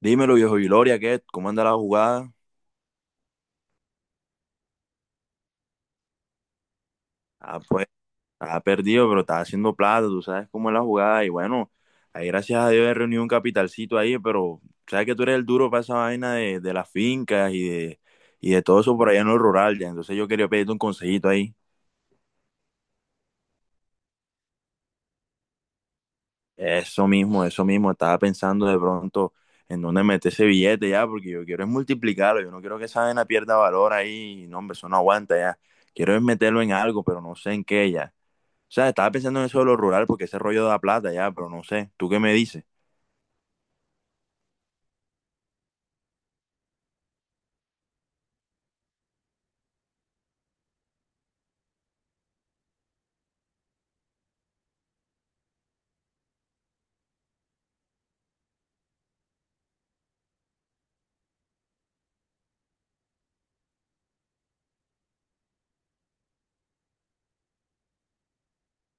Dímelo, viejo Gloria, ¿qué? ¿Cómo anda la jugada? Ah, pues, ha perdido, pero está haciendo plata, tú sabes cómo es la jugada. Y bueno, ahí gracias a Dios he reunido un capitalcito ahí, pero sabes que tú eres el duro para esa vaina de las fincas y de todo eso por allá en lo rural, ya. Entonces yo quería pedirte un consejito ahí. Eso mismo, estaba pensando de pronto en dónde meter ese billete ya, porque yo quiero es multiplicarlo, yo no quiero que esa vaina pierda valor ahí, no, hombre, eso no aguanta ya. Quiero es meterlo en algo, pero no sé en qué ya. O sea, estaba pensando en eso de lo rural porque ese rollo da plata ya, pero no sé. ¿Tú qué me dices?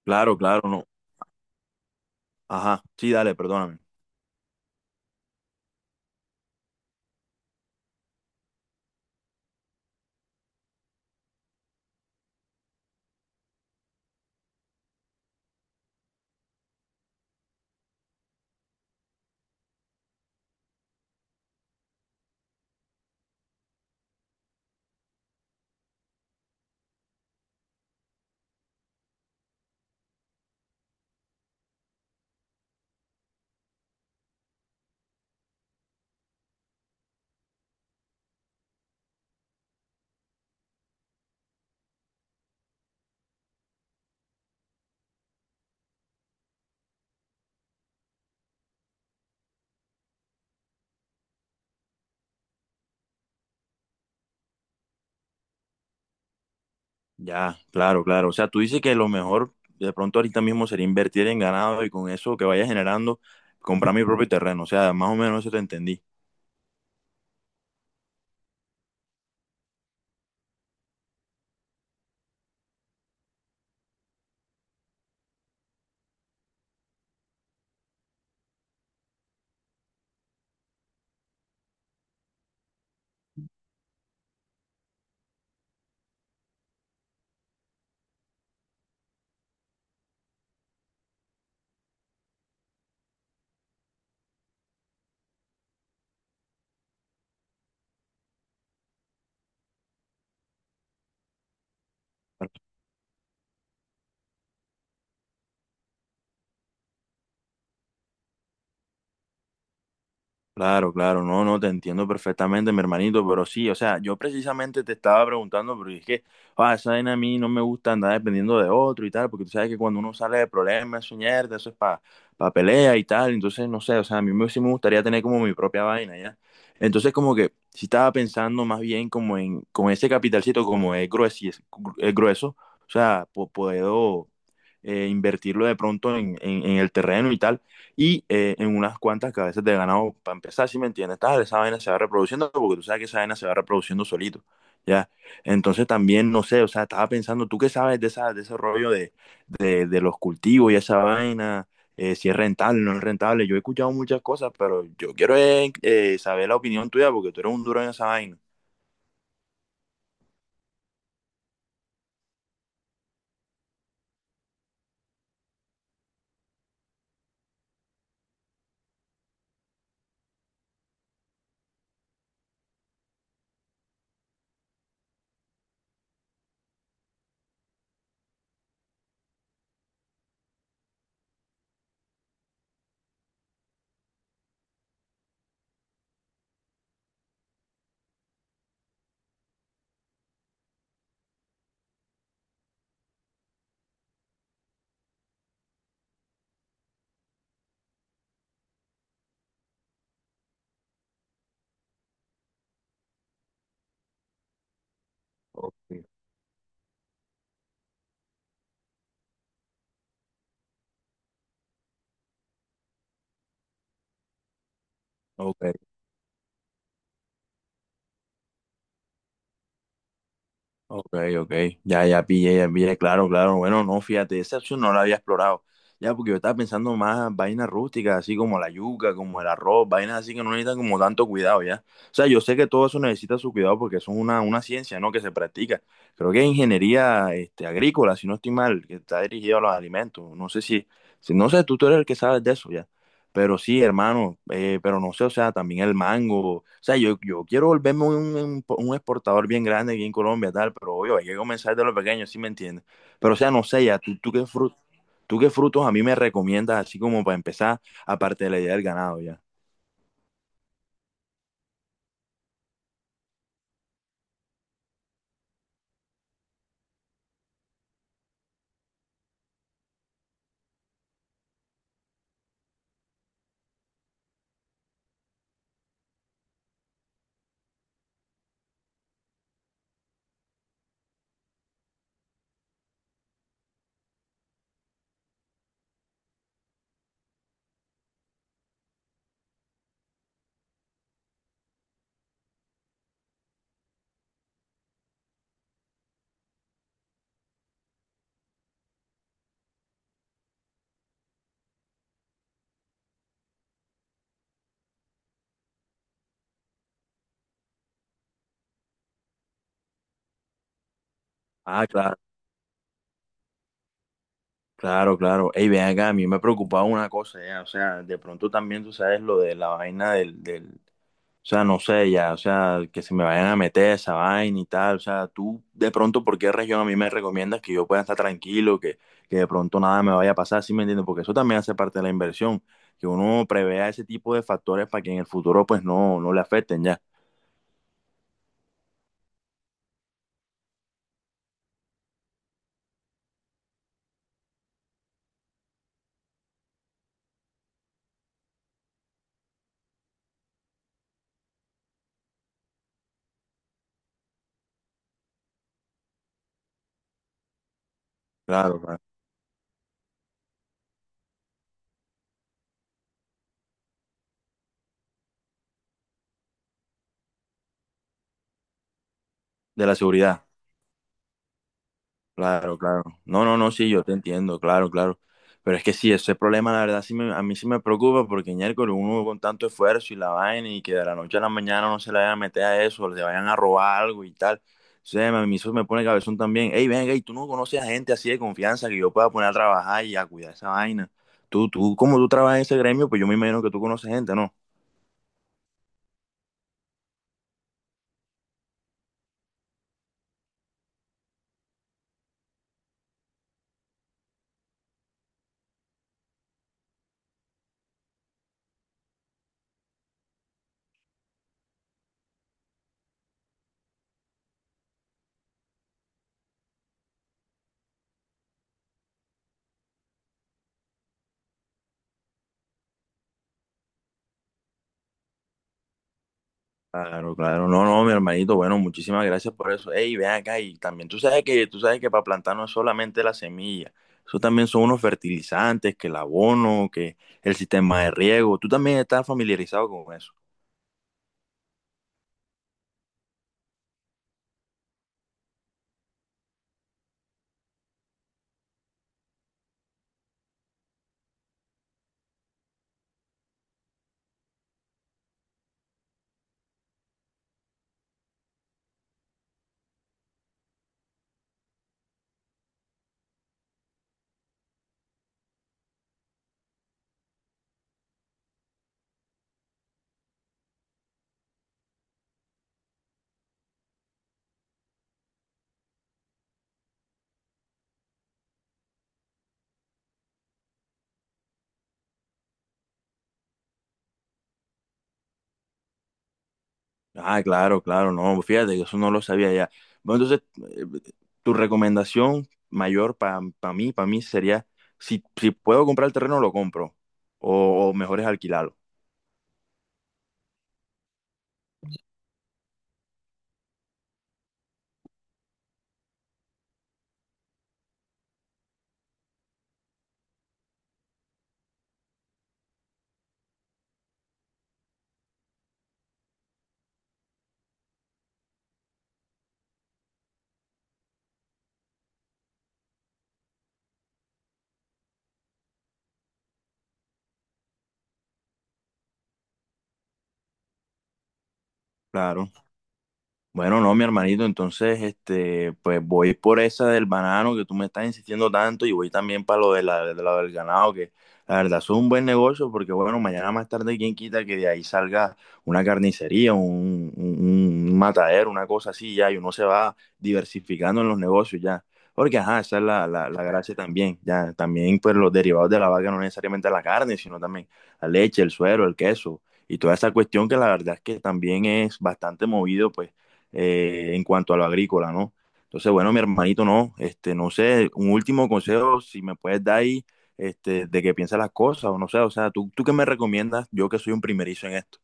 Claro, claro, no. Ajá, sí, dale, perdóname. Ya, claro, claro. O sea, tú dices que lo mejor de pronto ahorita mismo sería invertir en ganado y con eso que vaya generando, comprar mi propio terreno. O sea, más o menos eso te entendí. Claro, claro, no, no, te entiendo perfectamente, mi hermanito, pero sí, o sea, yo precisamente te estaba preguntando, porque es que, ah, esa vaina a mí no me gusta andar dependiendo de otro y tal, porque tú sabes que cuando uno sale de problemas, eso es mierda, eso es para pelea y tal, entonces, no sé, o sea, a mí me, sí me gustaría tener como mi propia vaina, ¿ya? Entonces, como que, sí estaba pensando más bien como en, con ese capitalcito, como es grueso, o sea, puedo invertirlo de pronto en, en el terreno y tal y en unas cuantas cabezas de ganado para empezar, ¿si me entiendes? Tal, esa vaina se va reproduciendo porque tú sabes que esa vaina se va reproduciendo solito, ¿ya? Entonces también, no sé, o sea, estaba pensando, ¿tú qué sabes de, esa, de ese rollo de los cultivos y esa vaina? Si es rentable, no es rentable. Yo he escuchado muchas cosas, pero yo quiero saber la opinión tuya porque tú eres un duro en esa vaina. Ok, ok. Ok, ok, ya, ya pillé, claro, claro, bueno, no, fíjate, esa opción no la había explorado, ya, porque yo estaba pensando más vainas rústicas, así como la yuca, como el arroz, vainas así que no necesitan como tanto cuidado, ya, o sea, yo sé que todo eso necesita su cuidado porque eso es una ciencia, ¿no?, que se practica, creo que es ingeniería, este, agrícola, si no estoy mal, que está dirigida a los alimentos, no sé si, si no sé, tú eres el que sabes de eso, ya. Pero sí, hermano, pero no sé, o sea, también el mango. O sea, yo quiero volverme un, un exportador bien grande aquí en Colombia, tal, pero obvio, hay que comenzar de lo pequeño, ¿sí me entiendes? Pero, o sea, no sé, ya, ¿tú, tú qué frutos a mí me recomiendas, así como para empezar, aparte de la idea del ganado, ya? Ah, claro, claro, claro. Ey, ven acá, a mí me preocupaba una cosa, ya, o sea, de pronto también tú sabes lo de la vaina o sea, no sé ya, o sea, que se me vayan a meter esa vaina y tal. O sea, tú de pronto, ¿por qué región a mí me recomiendas que yo pueda estar tranquilo, que de pronto nada me vaya a pasar? ¿Sí me entiendes? Porque eso también hace parte de la inversión, que uno prevea ese tipo de factores para que en el futuro pues no, no le afecten ya. Claro, claro. De la seguridad. Claro, claro. No, no, no, sí, yo te entiendo, claro, claro. Pero es que sí, ese problema, la verdad, sí me- a mí sí me preocupa porque miércoles uno con tanto esfuerzo y la vaina y que de la noche a la mañana no se le vayan a meter a eso, le vayan a robar algo y tal. O sea, a mí eso me pone cabezón también. Ey, venga, y tú no conoces a gente así de confianza que yo pueda poner a trabajar y a cuidar esa vaina. Tú, como tú trabajas en ese gremio, pues yo me imagino que tú conoces gente, ¿no? Claro, claro. No, no, mi hermanito, bueno, muchísimas gracias por eso. Ey, ven acá y también tú sabes que para plantar no es solamente la semilla. Eso también son unos fertilizantes, que el abono, que el sistema de riego. Tú también estás familiarizado con eso. Ah, claro, claro, no, fíjate que eso no lo sabía ya. Bueno, entonces, eh, tu recomendación mayor para mí sería si, si puedo comprar el terreno, lo compro. O mejor es alquilarlo. Claro. Bueno, no, mi hermanito, entonces, este, pues voy por esa del banano que tú me estás insistiendo tanto y voy también para lo de la, de lo del ganado, que la verdad es un buen negocio porque, bueno, mañana más tarde, quién quita que de ahí salga una carnicería, un matadero, una cosa así ya, y uno se va diversificando en los negocios ya. Porque, ajá, esa es la, la, la gracia también, ya, también pues los derivados de la vaca, no necesariamente la carne, sino también la leche, el suero, el queso y toda esa cuestión que la verdad es que también es bastante movido, pues en cuanto a lo agrícola, ¿no? Entonces, bueno, mi hermanito, no, este, no sé, un último consejo, si me puedes dar ahí, este, de que piensas las cosas, o no sé, o sea, ¿tú, tú qué me recomiendas? Yo que soy un primerizo en esto.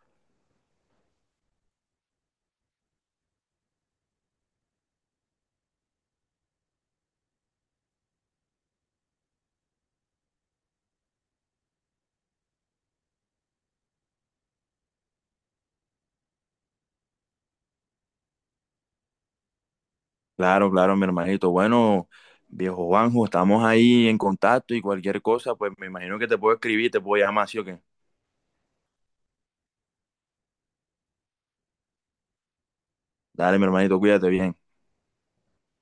Claro, claro, mi hermanito, bueno, viejo Juanjo, estamos ahí en contacto y cualquier cosa, pues me imagino que te puedo escribir, te puedo llamar, ¿sí o qué? Dale, mi hermanito, cuídate bien.